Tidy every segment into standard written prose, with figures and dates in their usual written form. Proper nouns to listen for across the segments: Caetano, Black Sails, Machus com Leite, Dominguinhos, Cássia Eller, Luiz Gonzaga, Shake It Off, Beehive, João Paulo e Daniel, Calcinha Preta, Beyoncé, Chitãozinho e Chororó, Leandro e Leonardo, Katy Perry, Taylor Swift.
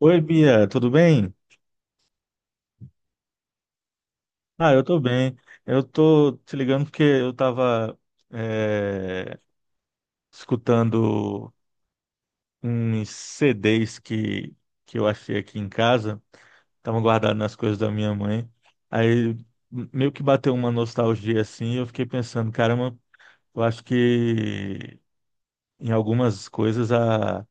Oi, Bia, tudo bem? Ah, eu tô bem. Eu tô te ligando porque eu tava é, escutando uns CDs que eu achei aqui em casa, estavam guardados nas coisas da minha mãe. Aí meio que bateu uma nostalgia assim, e eu fiquei pensando, caramba, eu acho que em algumas coisas a,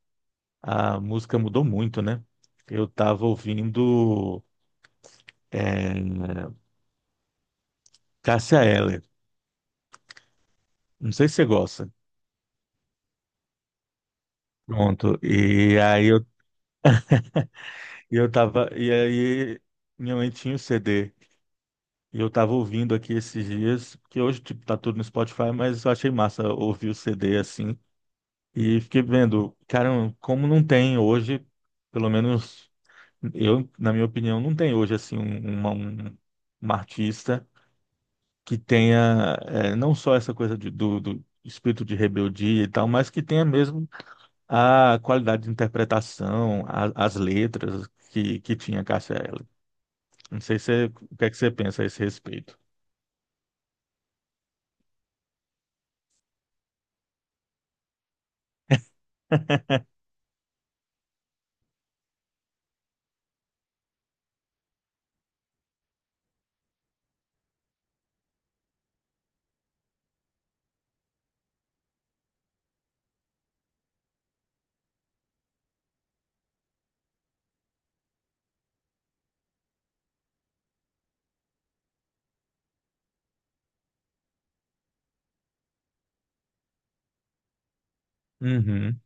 a música mudou muito, né? Eu tava ouvindo é, Cássia Eller. Não sei se você gosta. Pronto. E aí eu tava. E aí minha mãe tinha o CD. E eu tava ouvindo aqui esses dias, que hoje, tipo, tá tudo no Spotify, mas eu achei massa ouvir o CD assim. E fiquei vendo, cara, como não tem hoje, pelo menos eu, na minha opinião, não tem hoje assim uma artista que tenha não só essa coisa do espírito de rebeldia e tal, mas que tenha mesmo a qualidade de interpretação, as letras que tinha Cássia Eller. Não sei se, o que é que você pensa a esse respeito. Uhum.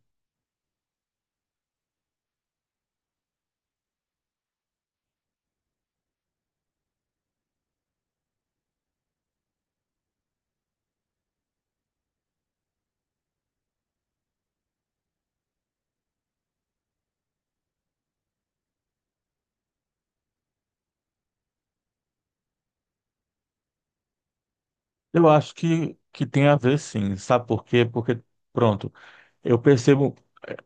Eu acho que tem a ver, sim, sabe por quê? Porque, pronto, eu percebo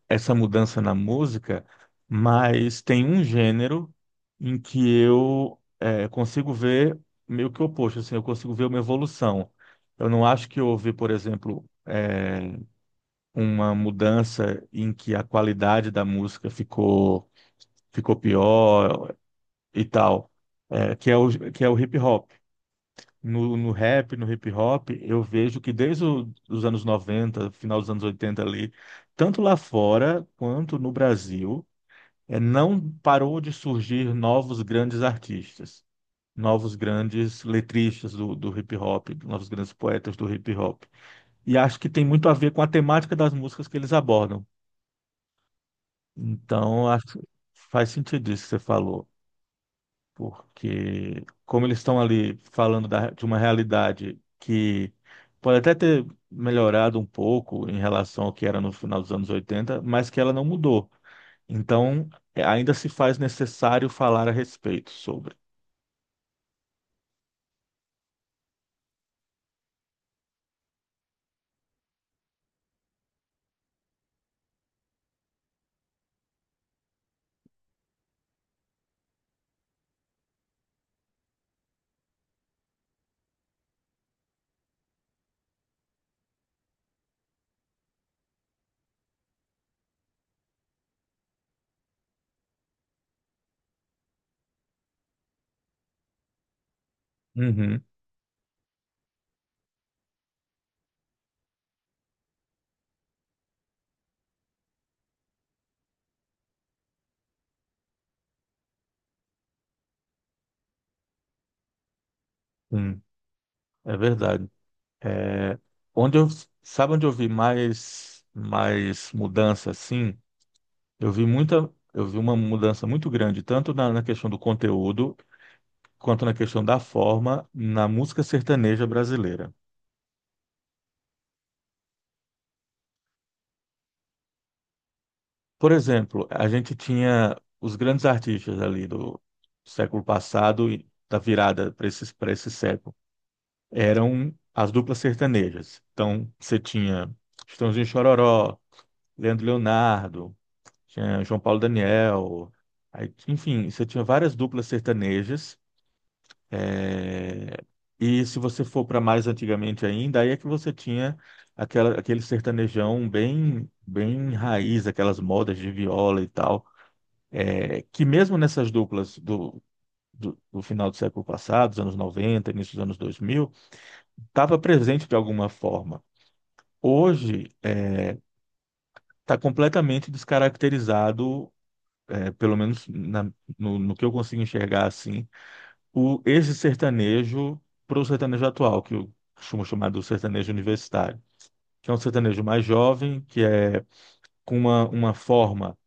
essa mudança na música, mas tem um gênero em que eu consigo ver meio que o oposto, assim, eu consigo ver uma evolução. Eu não acho que houve, por exemplo, uma mudança em que a qualidade da música ficou, pior e tal, que é o hip hop. No rap, no hip hop, eu vejo que desde os anos 90, final dos anos 80 ali, tanto lá fora quanto no Brasil, não parou de surgir novos grandes artistas, novos grandes letristas do hip hop, novos grandes poetas do hip hop. E acho que tem muito a ver com a temática das músicas que eles abordam. Então, acho, faz sentido isso que você falou, porque como eles estão ali falando de uma realidade que pode até ter melhorado um pouco em relação ao que era no final dos anos 80, mas que ela não mudou. Então, ainda se faz necessário falar a respeito sobre. Uhum, sim, é verdade. É, onde eu, sabe onde eu vi mais mudança, assim? Eu vi uma mudança muito grande, tanto na questão do conteúdo, quanto na questão da forma, na música sertaneja brasileira. Por exemplo, a gente tinha os grandes artistas ali do século passado e da virada para esse, século, eram as duplas sertanejas. Então, você tinha Chitãozinho e Chororó, Leandro e Leonardo, tinha João Paulo e Daniel, aí, enfim, você tinha várias duplas sertanejas. É, E se você for para mais antigamente ainda, aí é que você tinha aquele sertanejão bem, bem raiz, aquelas modas de viola e tal. Que mesmo nessas duplas do final do século passado, dos anos 90, início dos anos 2000, estava presente de alguma forma. Hoje está completamente descaracterizado, pelo menos no que eu consigo enxergar assim, esse sertanejo, para o sertanejo atual, que eu costumo chamar do sertanejo universitário, que é um sertanejo mais jovem, que é com uma, forma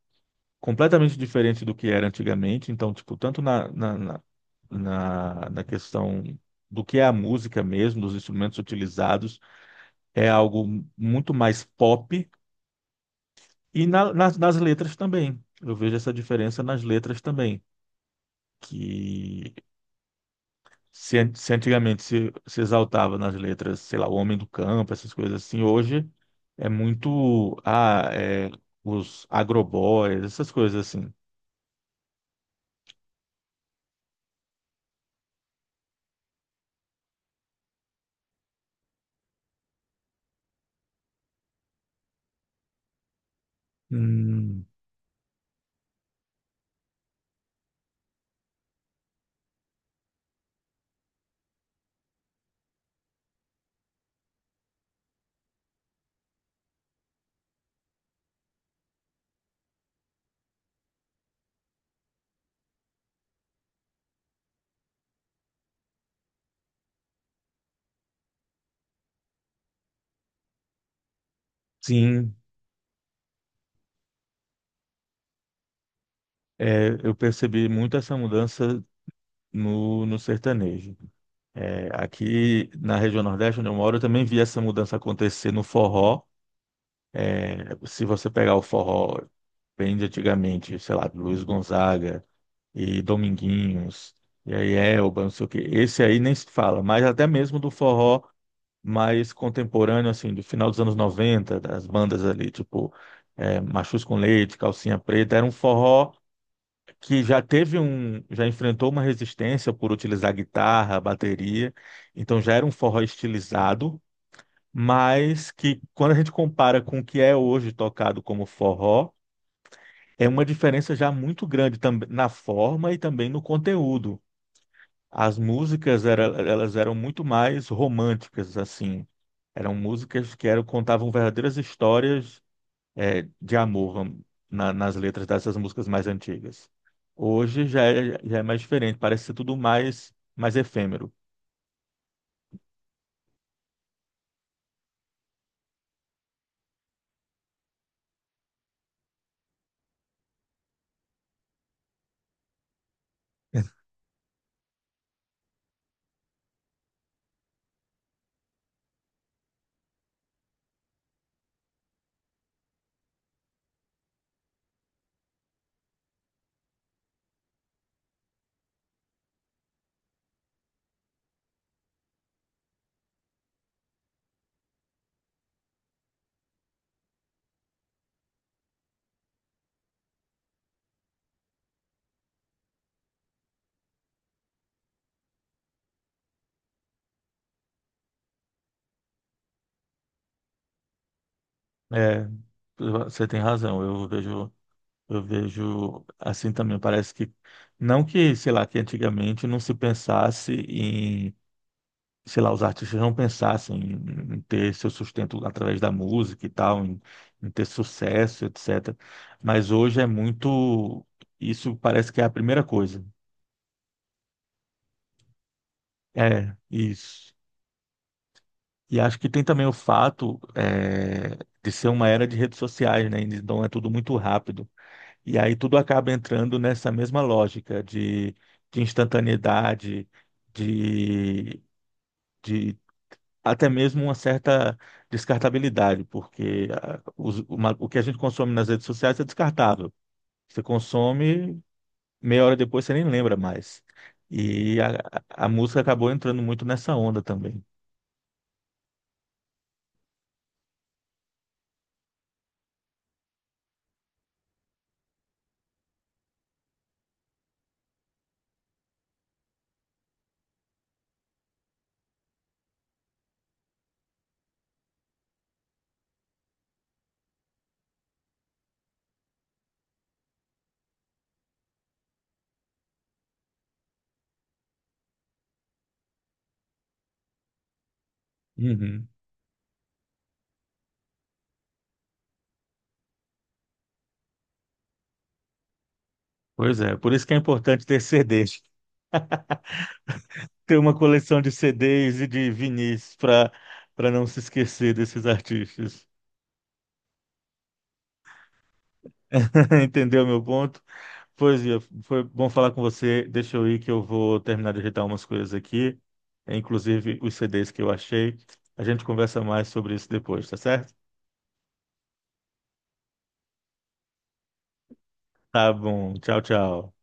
completamente diferente do que era antigamente. Então, tipo, tanto na questão do que é a música mesmo, dos instrumentos utilizados, é algo muito mais pop. E nas letras também. Eu vejo essa diferença nas letras também. Que, se se antigamente se exaltava nas letras, sei lá, o homem do campo, essas coisas assim, hoje é muito os agroboys, essas coisas assim. Hum, sim, eu percebi muito essa mudança no sertanejo. Aqui na região Nordeste, onde eu moro, eu também vi essa mudança acontecer no forró. Se você pegar o forró bem de antigamente, sei lá, Luiz Gonzaga e Dominguinhos, e aí Elba, não sei o quê. Esse aí nem se fala, mas até mesmo do forró mais contemporâneo, assim, do final dos anos 90, das bandas ali, tipo Machus com Leite, Calcinha Preta, era um forró que já enfrentou uma resistência por utilizar guitarra, bateria, então já era um forró estilizado, mas que quando a gente compara com o que é hoje tocado como forró, é uma diferença já muito grande também na forma e também no conteúdo. Elas eram muito mais românticas, assim. Eram músicas contavam verdadeiras histórias, de amor, na- nas letras dessas músicas mais antigas. Hoje já é, mais diferente, parece ser tudo mais, efêmero. É, você tem razão. eu vejo assim também. Parece que não que, sei lá, que antigamente não se pensasse, sei lá, os artistas não pensassem em, ter seu sustento através da música e tal, em ter sucesso, etc. Mas hoje isso parece que é a primeira coisa. É, isso. E acho que tem também o fato, de ser uma era de redes sociais, né? Então é tudo muito rápido. E aí tudo acaba entrando nessa mesma lógica de, instantaneidade, de, de até mesmo uma certa descartabilidade, porque o que a gente consome nas redes sociais é descartável. Você consome, meia hora depois você nem lembra mais. E a música acabou entrando muito nessa onda também. Uhum. Pois é, por isso que é importante ter CDs, ter uma coleção de CDs e de vinis para não se esquecer desses artistas. Entendeu meu ponto? Pois é, foi bom falar com você. Deixa eu ir que eu vou terminar de ajeitar umas coisas aqui, inclusive os CDs que eu achei. A gente conversa mais sobre isso depois, tá certo? Tá bom. Tchau, tchau.